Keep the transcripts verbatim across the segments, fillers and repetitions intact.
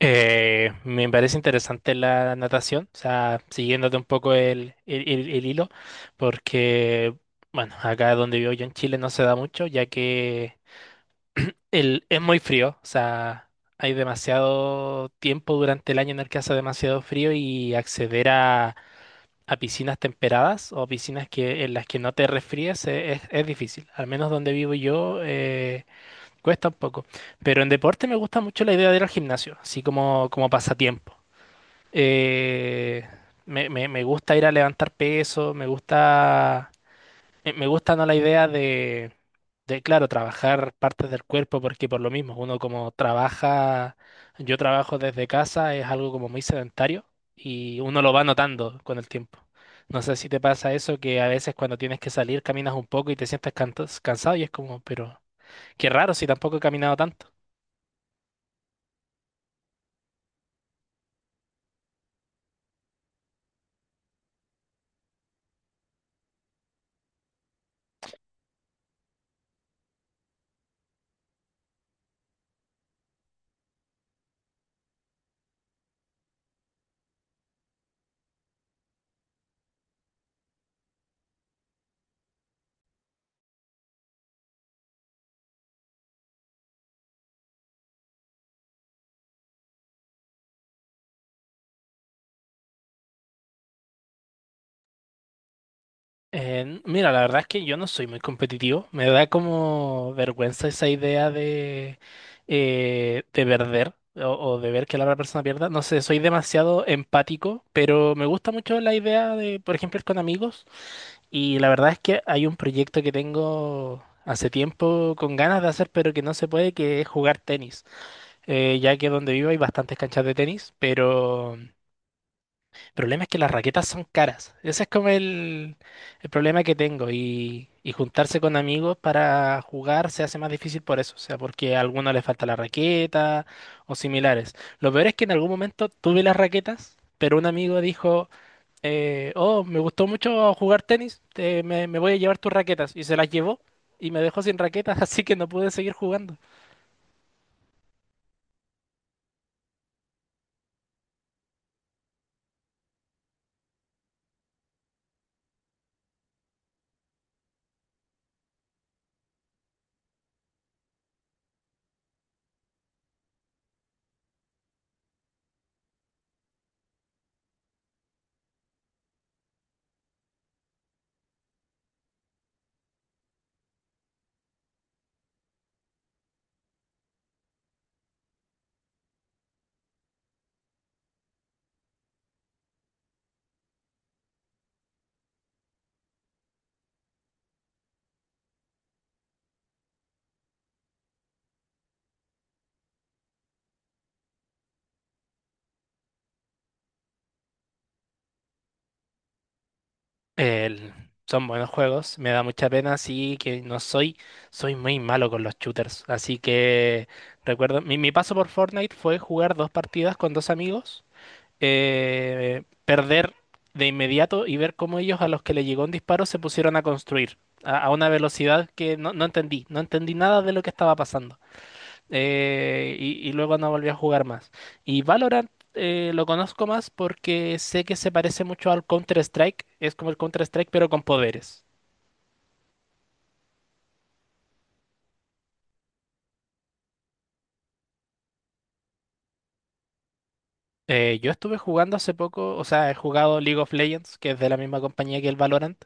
Eh, me parece interesante la natación, o sea, siguiéndote un poco el, el- el- el hilo, porque, bueno, acá donde vivo yo en Chile no se da mucho, ya que el, es muy frío, o sea, hay demasiado tiempo durante el año en el que hace demasiado frío y acceder a, a piscinas temperadas o piscinas que, en las que no te resfríes eh, es, es difícil, al menos donde vivo yo, eh, cuesta un poco, pero en deporte me gusta mucho la idea de ir al gimnasio, así como, como pasatiempo. Eh, me, me- me gusta ir a levantar peso, me gusta, me, me gusta no la idea de, de, claro, trabajar partes del cuerpo, porque por lo mismo, uno como trabaja, yo trabajo desde casa, es algo como muy sedentario y uno lo va notando con el tiempo. No sé si te pasa eso, que a veces cuando tienes que salir caminas un poco y te sientes cantos- cansado y es como, pero qué raro si tampoco he caminado tanto. Eh, mira, la verdad es que yo no soy muy competitivo. Me da como vergüenza esa idea de, eh, de perder o, o de ver que la otra persona pierda. No sé, soy demasiado empático, pero me gusta mucho la idea de, por ejemplo, ir con amigos. Y la verdad es que hay un proyecto que tengo hace tiempo con ganas de hacer, pero que no se puede, que es jugar tenis. Eh, ya que donde vivo hay bastantes canchas de tenis, pero el problema es que las raquetas son caras. Ese es como el, el problema que tengo. Y, y juntarse con amigos para jugar se hace más difícil por eso. O sea, porque a alguno le falta la raqueta o similares. Lo peor es que en algún momento tuve las raquetas, pero un amigo dijo, eh, oh, me gustó mucho jugar tenis, te- me, me voy a llevar tus raquetas. Y se las llevó y me dejó sin raquetas, así que no pude seguir jugando. El- son buenos juegos, me da mucha pena, sí que no soy, soy muy malo con los shooters, así que recuerdo, mi, mi paso por Fortnite fue jugar dos partidas con dos amigos, eh, perder de inmediato y ver cómo ellos a los que le llegó un disparo se pusieron a construir a, a una velocidad que no, no entendí, no entendí nada de lo que estaba pasando, eh, y, y luego no volví a jugar más. Y Valorant, eh, lo conozco más porque sé que se parece mucho al Counter-Strike. Es como el Counter-Strike, pero con poderes. Eh, yo estuve jugando hace poco, o sea, he jugado League of Legends, que es de la misma compañía que el Valorant,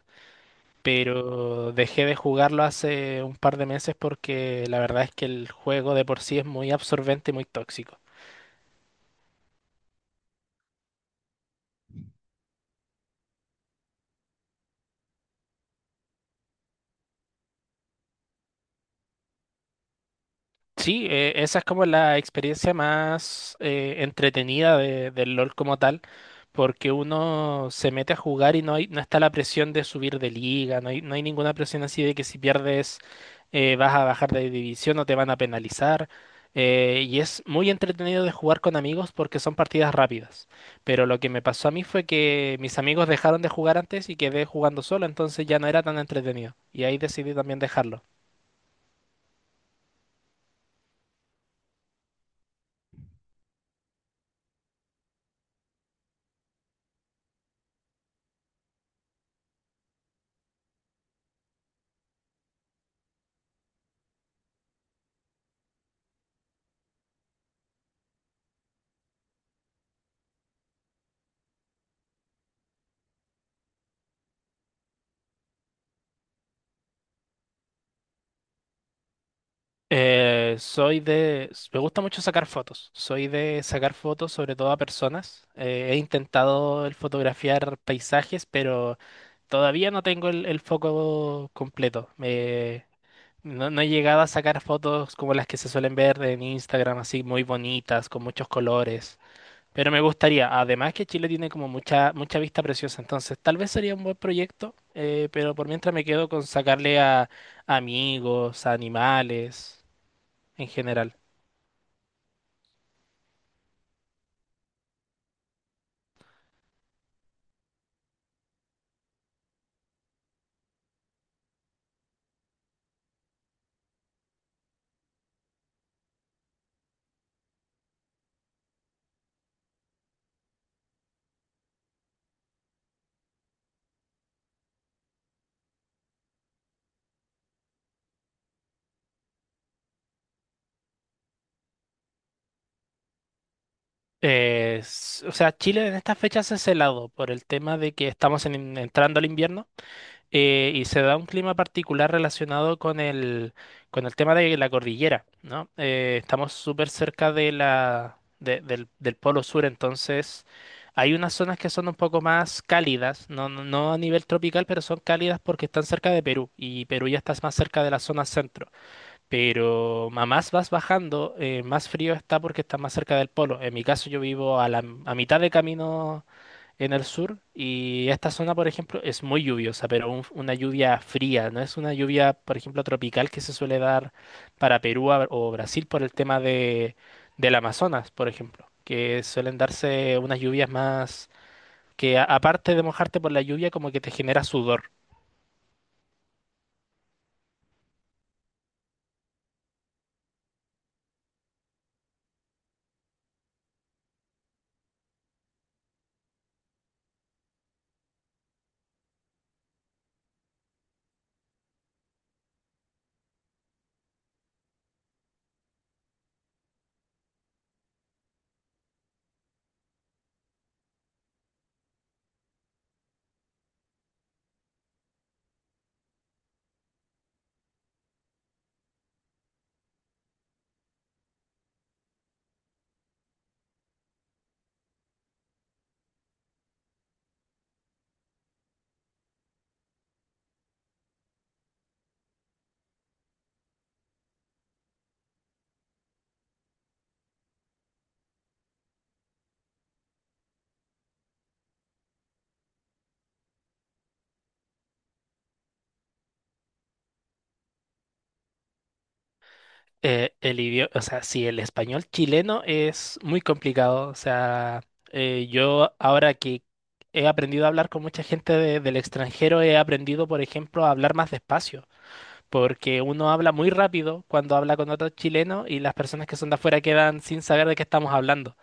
pero dejé de jugarlo hace un par de meses porque la verdad es que el juego de por sí es muy absorbente y muy tóxico. Sí, eh, esa es como la experiencia más eh, entretenida de- del LOL como tal, porque uno se mete a jugar y no hay, no está la presión de subir de liga, no hay, no hay ninguna presión así de que si pierdes, eh, vas a bajar de división o te van a penalizar. Eh, y es muy entretenido de jugar con amigos porque son partidas rápidas. Pero lo que me pasó a mí fue que mis amigos dejaron de jugar antes y quedé jugando solo, entonces ya no era tan entretenido. Y ahí decidí también dejarlo. Eh, soy de... Me gusta mucho sacar fotos. Soy de sacar fotos sobre todo a personas. Eh, he intentado el fotografiar paisajes, pero todavía no tengo el, el foco completo. Me- no, no he llegado a sacar fotos como las que se suelen ver en Instagram, así muy bonitas, con muchos colores. Pero me gustaría, además que Chile tiene como mucha, mucha vista preciosa, entonces tal vez sería un buen proyecto, eh, pero por mientras me quedo con sacarle a a amigos, a animales en general. Eh, s- o sea, Chile en estas fechas es helado por el tema de que estamos en- entrando al invierno, eh, y se da un clima particular relacionado con el, con el tema de la cordillera, ¿no? Eh, estamos súper cerca de la, de- del, del polo sur, entonces hay unas zonas que son un poco más cálidas, no, no no a nivel tropical, pero son cálidas porque están cerca de Perú y Perú ya está más cerca de la zona centro. Pero a más vas bajando, eh, más frío está porque está más cerca del polo. En mi caso yo vivo a la, a mitad de camino en el sur y esta zona, por ejemplo, es muy lluviosa, pero un- una lluvia fría, no es una lluvia, por ejemplo, tropical que se suele dar para Perú a- o Brasil por el tema de, del Amazonas, por ejemplo, que suelen darse unas lluvias más que a- aparte de mojarte por la lluvia, como que te genera sudor. eh, el idioma, o sea, sí, el español chileno es muy complicado. O sea, eh, yo ahora que he aprendido a hablar con mucha gente de- del extranjero, he aprendido, por ejemplo, a hablar más despacio, porque uno habla muy rápido cuando habla con otro chileno y las personas que son de afuera quedan sin saber de qué estamos hablando.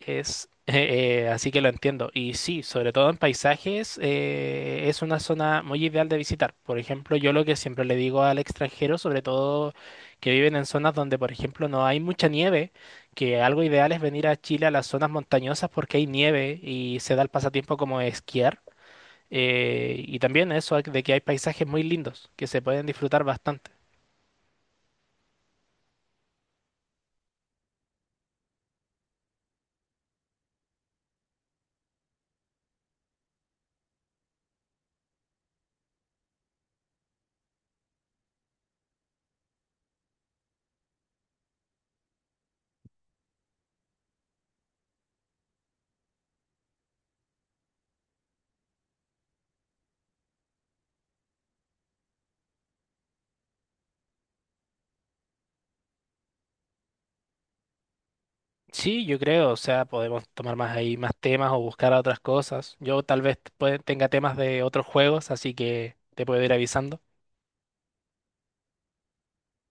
Es, eh, así que lo entiendo. Y sí, sobre todo en paisajes, eh, es una zona muy ideal de visitar. Por ejemplo, yo lo que siempre le digo al extranjero, sobre todo que viven en zonas donde, por ejemplo, no hay mucha nieve, que algo ideal es venir a Chile a las zonas montañosas porque hay nieve y se da el pasatiempo como esquiar. Eh, y también eso de que hay paisajes muy lindos que se pueden disfrutar bastante. Sí, yo creo, o sea, podemos tomar más ahí más temas o buscar otras cosas. Yo tal vez te- puede- tenga temas de otros juegos, así que te puedo ir avisando.